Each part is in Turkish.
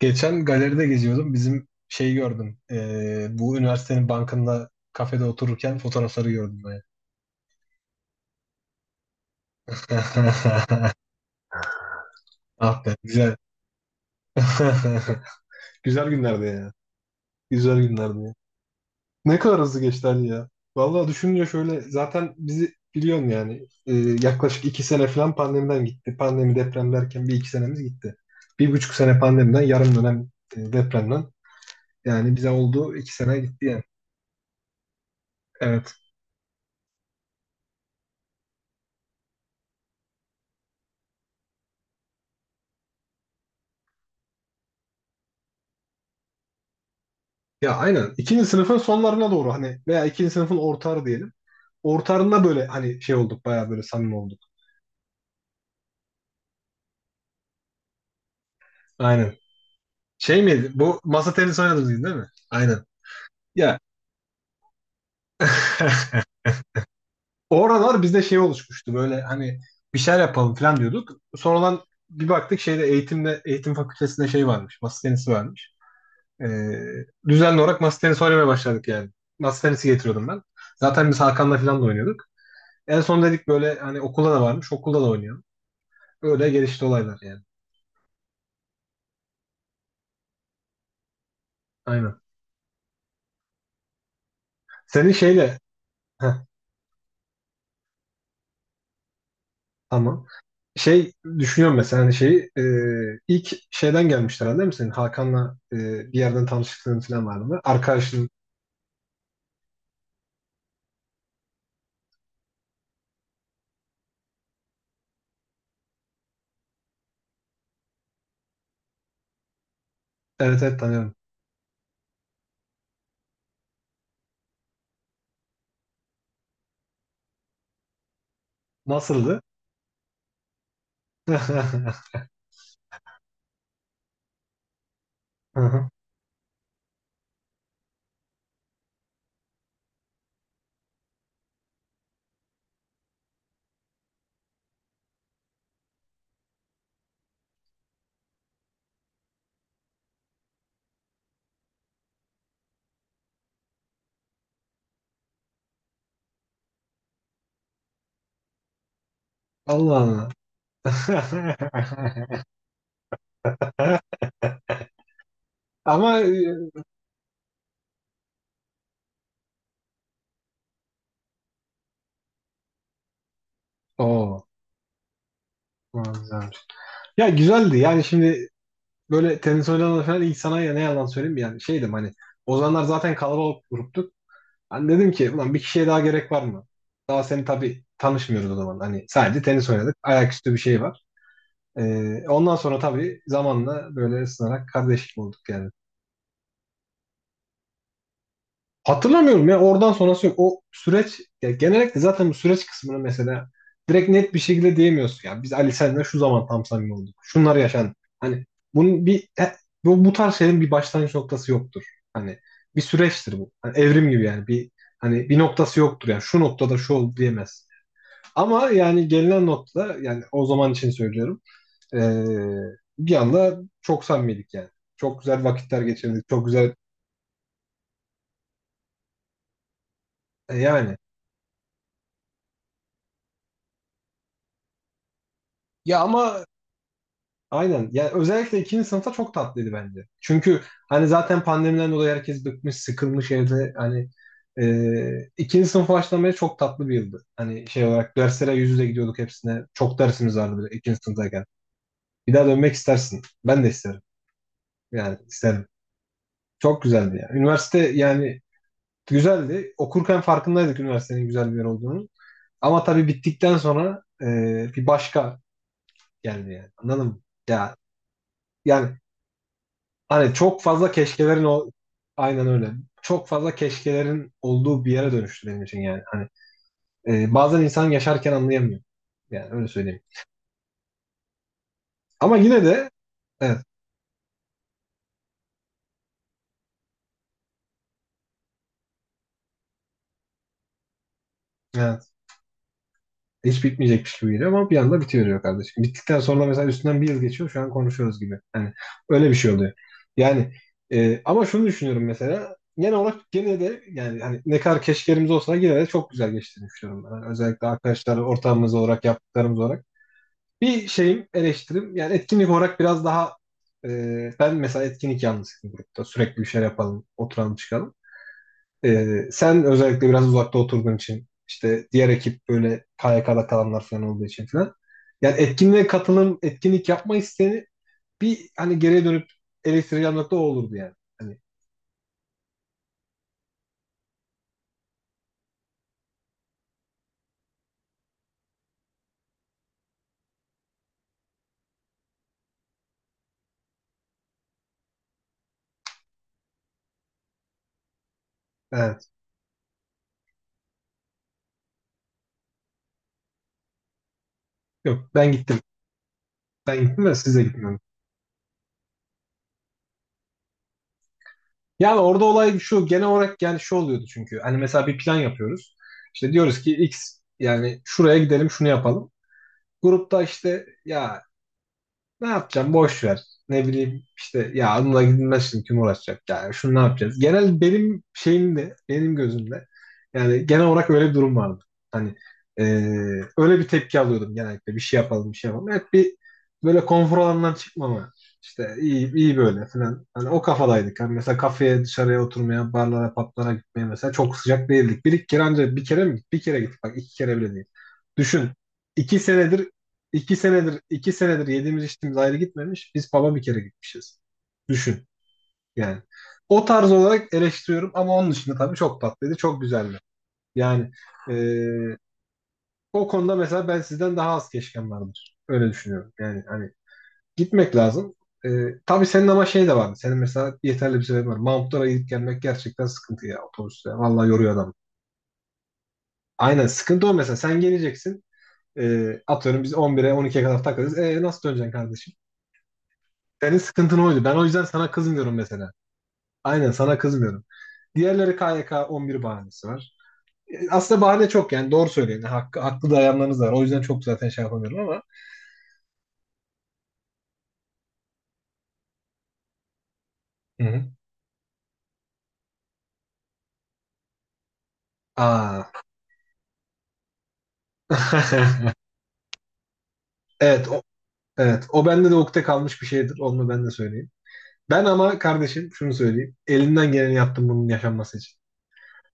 Geçen galeride geziyordum. Bizim şeyi gördüm. Bu üniversitenin bankında kafede otururken fotoğrafları gördüm ben. Ah be, güzel. Güzel günlerdi ya. Güzel günlerdi ya. Ne kadar hızlı geçti Ali ya. Vallahi düşününce şöyle zaten bizi biliyorsun yani yaklaşık 2 sene falan pandemiden gitti. Pandemi deprem derken bir iki senemiz gitti. 1,5 sene pandemiden yarım dönem depremden. Yani bize oldu 2 sene gitti yani. Evet. Ya aynen. İkinci sınıfın sonlarına doğru hani veya ikinci sınıfın ortarı diyelim. Ortarında böyle hani şey olduk bayağı böyle samimi olduk. Aynen. Şey miydi? Bu masa tenisi oynadınız değil mi? Aynen. Ya o aralar bizde şey oluşmuştu böyle hani bir şeyler yapalım falan diyorduk. Sonradan bir baktık şeyde eğitimde eğitim fakültesinde şey varmış. Masa tenisi varmış. Ee, düzenli olarak masa tenisi oynamaya başladık yani. Masa tenisi getiriyordum ben. Zaten biz Hakan'la falan da oynuyorduk. En son dedik böyle hani okulda da varmış okulda da oynayalım. Öyle gelişti olaylar yani. Aynen. Senin şeyle heh, tamam. Şey düşünüyorum mesela hani şeyi ilk şeyden gelmişler herhalde değil mi senin? Hakan'la bir yerden tanışıklığın falan vardı mı? Arkadaşın. Evet evet tanıyorum. Nasıldı? Allah Allah. Ama o güzelmiş. Ya güzeldi yani şimdi böyle tenis oynanan falan ilk sana ya ne yalan söyleyeyim yani şeydim hani o zamanlar zaten kalabalık gruptuk. Hani dedim ki ulan bir kişiye daha gerek var mı? Daha seni tabii tanışmıyoruz o zaman. Hani sadece tenis oynadık. Ayaküstü bir şey var. Ondan sonra tabii zamanla böyle ısınarak kardeşlik olduk yani. Hatırlamıyorum ya oradan sonrası yok. O süreç ya genellikle zaten bu süreç kısmını mesela direkt net bir şekilde diyemiyorsun. Ya biz Ali senle şu zaman tam samimi olduk. Şunlar yaşandı. Hani bunun bir he- bu, bu tarz şeylerin bir başlangıç noktası yoktur. Hani bir süreçtir bu. Hani evrim gibi yani bir hani bir noktası yoktur yani şu noktada şu oldu diyemezsin. Ama yani gelinen nokta yani o zaman için söylüyorum. Ee, bir anda çok samimiydik yani. Çok güzel vakitler geçirdik. Çok güzel yani. Ya ama aynen. Yani özellikle ikinci sınıfta çok tatlıydı bence. Çünkü hani zaten pandemiden dolayı herkes bıkmış, sıkılmış evde. Hani ikinci sınıf başlamaya çok tatlı bir yıldı. Hani şey olarak derslere yüz yüze gidiyorduk hepsine. Çok dersimiz vardı bir de ikinci sınıftayken. Bir daha dönmek istersin. Ben de isterim. Yani isterim. Çok güzeldi ya. Üniversite yani güzeldi. Okurken farkındaydık üniversitenin güzel bir yer olduğunu. Ama tabii bittikten sonra bir başka geldi yani. Anladın mı? Ya, yani hani çok fazla keşkelerin o aynen öyle. Çok fazla keşkelerin olduğu bir yere dönüştü benim için yani. Hani bazen insan yaşarken anlayamıyor. Yani öyle söyleyeyim. Ama yine de evet. Yani hiç bitmeyecekmiş gibi geliyor ama bir anda bitiyor diyor kardeşim. Bittikten sonra mesela üstünden bir yıl geçiyor şu an konuşuyoruz gibi. Yani öyle bir şey oluyor. Yani ama şunu düşünüyorum mesela genel olarak gene de yani hani ne kadar keşkelerimiz olsa yine de çok güzel geçtiğini düşünüyorum ben. Yani özellikle arkadaşlar ortamımız olarak yaptıklarımız olarak. Bir şeyim eleştirim yani etkinlik olarak biraz daha e, ben mesela etkinlik yanlısıyım grupta. Sürekli bir şeyler yapalım, oturalım çıkalım. Sen özellikle biraz uzakta oturduğun için işte diğer ekip böyle KYK'da kalanlar falan olduğu için falan. Yani etkinliğe katılım, etkinlik yapma isteğini bir hani geriye dönüp eleştireceğim nokta o olurdu yani. Hani evet. Yok ben gittim. Ben gittim ve siz de gitmiyorsunuz. Yani orada olay şu genel olarak yani şu oluyordu çünkü. Hani mesela bir plan yapıyoruz. İşte diyoruz ki X yani şuraya gidelim şunu yapalım. Grupta işte ya. Ne yapacağım? Boş ver. Ne bileyim işte ya onunla gidilmez şimdi kim uğraşacak yani şunu ne yapacağız? Genel benim şeyimde benim gözümde yani genel olarak öyle bir durum vardı. Hani e, öyle bir tepki alıyordum genellikle bir şey yapalım bir şey yapalım. Hep bir böyle konfor alanından çıkmama işte iyi iyi böyle falan. Hani o kafadaydık. Hani mesela kafeye dışarıya oturmaya barlara patlara gitmeye mesela çok sıcak değildik. Bir iki kere ancak bir kere mi? Bir kere gittik bak iki kere bile değil. Düşün. İki senedir iki senedir yediğimiz içtiğimiz ayrı gitmemiş. Biz pub'a bir kere gitmişiz. Düşün yani. O tarz olarak eleştiriyorum ama onun dışında tabii çok tatlıydı, çok güzeldi. Yani eee, o konuda mesela ben sizden daha az keşkem vardır. Öyle düşünüyorum. Yani hani gitmek lazım. Tabii senin ama şey de vardı. Senin mesela yeterli bir sebebin var. Mount gidip gelmek gerçekten sıkıntı ya otobüste. Vallahi yoruyor adam. Aynen sıkıntı o mesela. Sen geleceksin. Atıyorum biz 11'e 12'ye kadar takılırız. E, nasıl döneceksin kardeşim? Senin sıkıntın oydu. Ben o yüzden sana kızmıyorum mesela. Aynen sana kızmıyorum. Diğerleri K Y K 11 bahanesi var. E, aslında bahane çok yani doğru söylüyorsun. Hakkı, haklı dayanlarınız var. O yüzden çok zaten şey yapamıyorum ama. Hı hı. Aa. Evet o, evet o bende de ukde kalmış bir şeydir. Onu ben de söyleyeyim. Ben ama kardeşim şunu söyleyeyim. Elimden geleni yaptım bunun yaşanması için.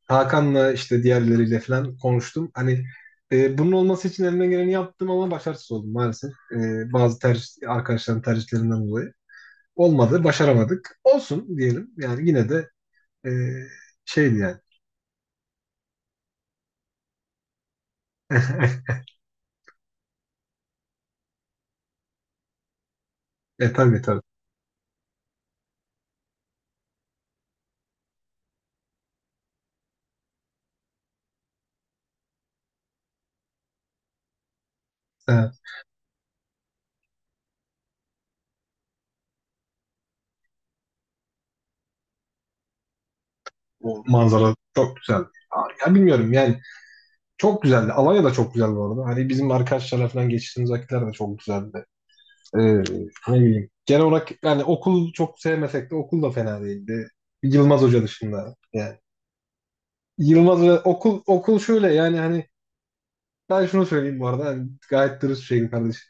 Hakan'la işte diğerleriyle falan konuştum. Hani bunun olması için elimden geleni yaptım ama başarısız oldum maalesef. E, bazı tercih, arkadaşların tercihlerinden dolayı. Olmadı, başaramadık. Olsun diyelim. Yani yine de e, şeydi yani. Tabii tabii. Evet, o manzara çok güzeldi. Ya, bilmiyorum yani çok güzeldi. Alanya da çok güzel bu. Hani bizim arkadaşlarla falan geçtiğimiz vakitler de çok güzeldi. Ne bileyim. Genel olarak yani okul çok sevmesek de okul da fena değildi. Yılmaz Hoca dışında yani. Yılmaz Hoca okul şöyle yani hani ben şunu söyleyeyim bu arada. Hani gayet dürüst bir şeyim kardeşim.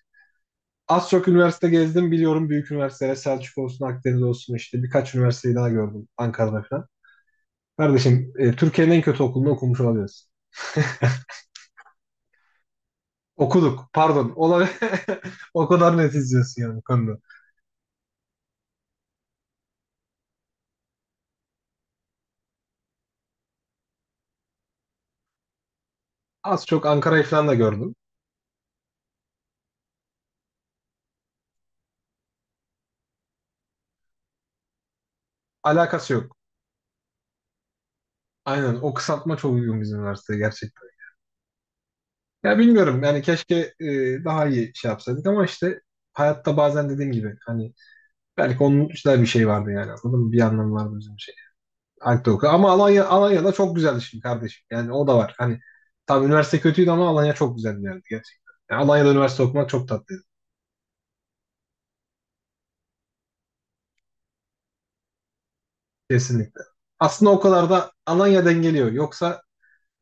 Az çok üniversite gezdim biliyorum büyük üniversiteler Selçuk olsun Akdeniz olsun işte birkaç üniversiteyi daha gördüm Ankara'da falan. Kardeşim Türkiye'nin en kötü okulunu okumuş olabiliriz. Okuduk, pardon. O kadar net izliyorsun yani bu konuda. Az çok Ankara'yı falan da gördüm. Alakası yok. Aynen o kısaltma çok uygun bizim üniversiteye gerçekten. Ya bilmiyorum yani keşke e, daha iyi şey yapsaydık ama işte hayatta bazen dediğim gibi hani belki onun üstüne bir şey vardı yani anladın mı? Bir anlamı vardı bizim için. Alp Doku. Ama Alanya, Alanya da çok güzeldi şimdi kardeşim. Yani o da var. Hani tam üniversite kötüydü ama Alanya çok güzeldi bir gerçekten. Yani Alanya'da üniversite okumak çok tatlıydı. Kesinlikle. Aslında o kadar da Alanya dengeliyor. Yoksa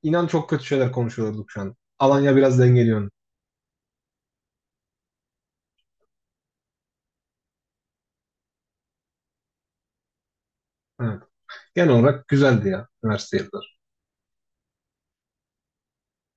inan çok kötü şeyler konuşuyorduk şu an. Alanya biraz dengeliyor. Evet. Genel olarak güzeldi ya üniversite yılları.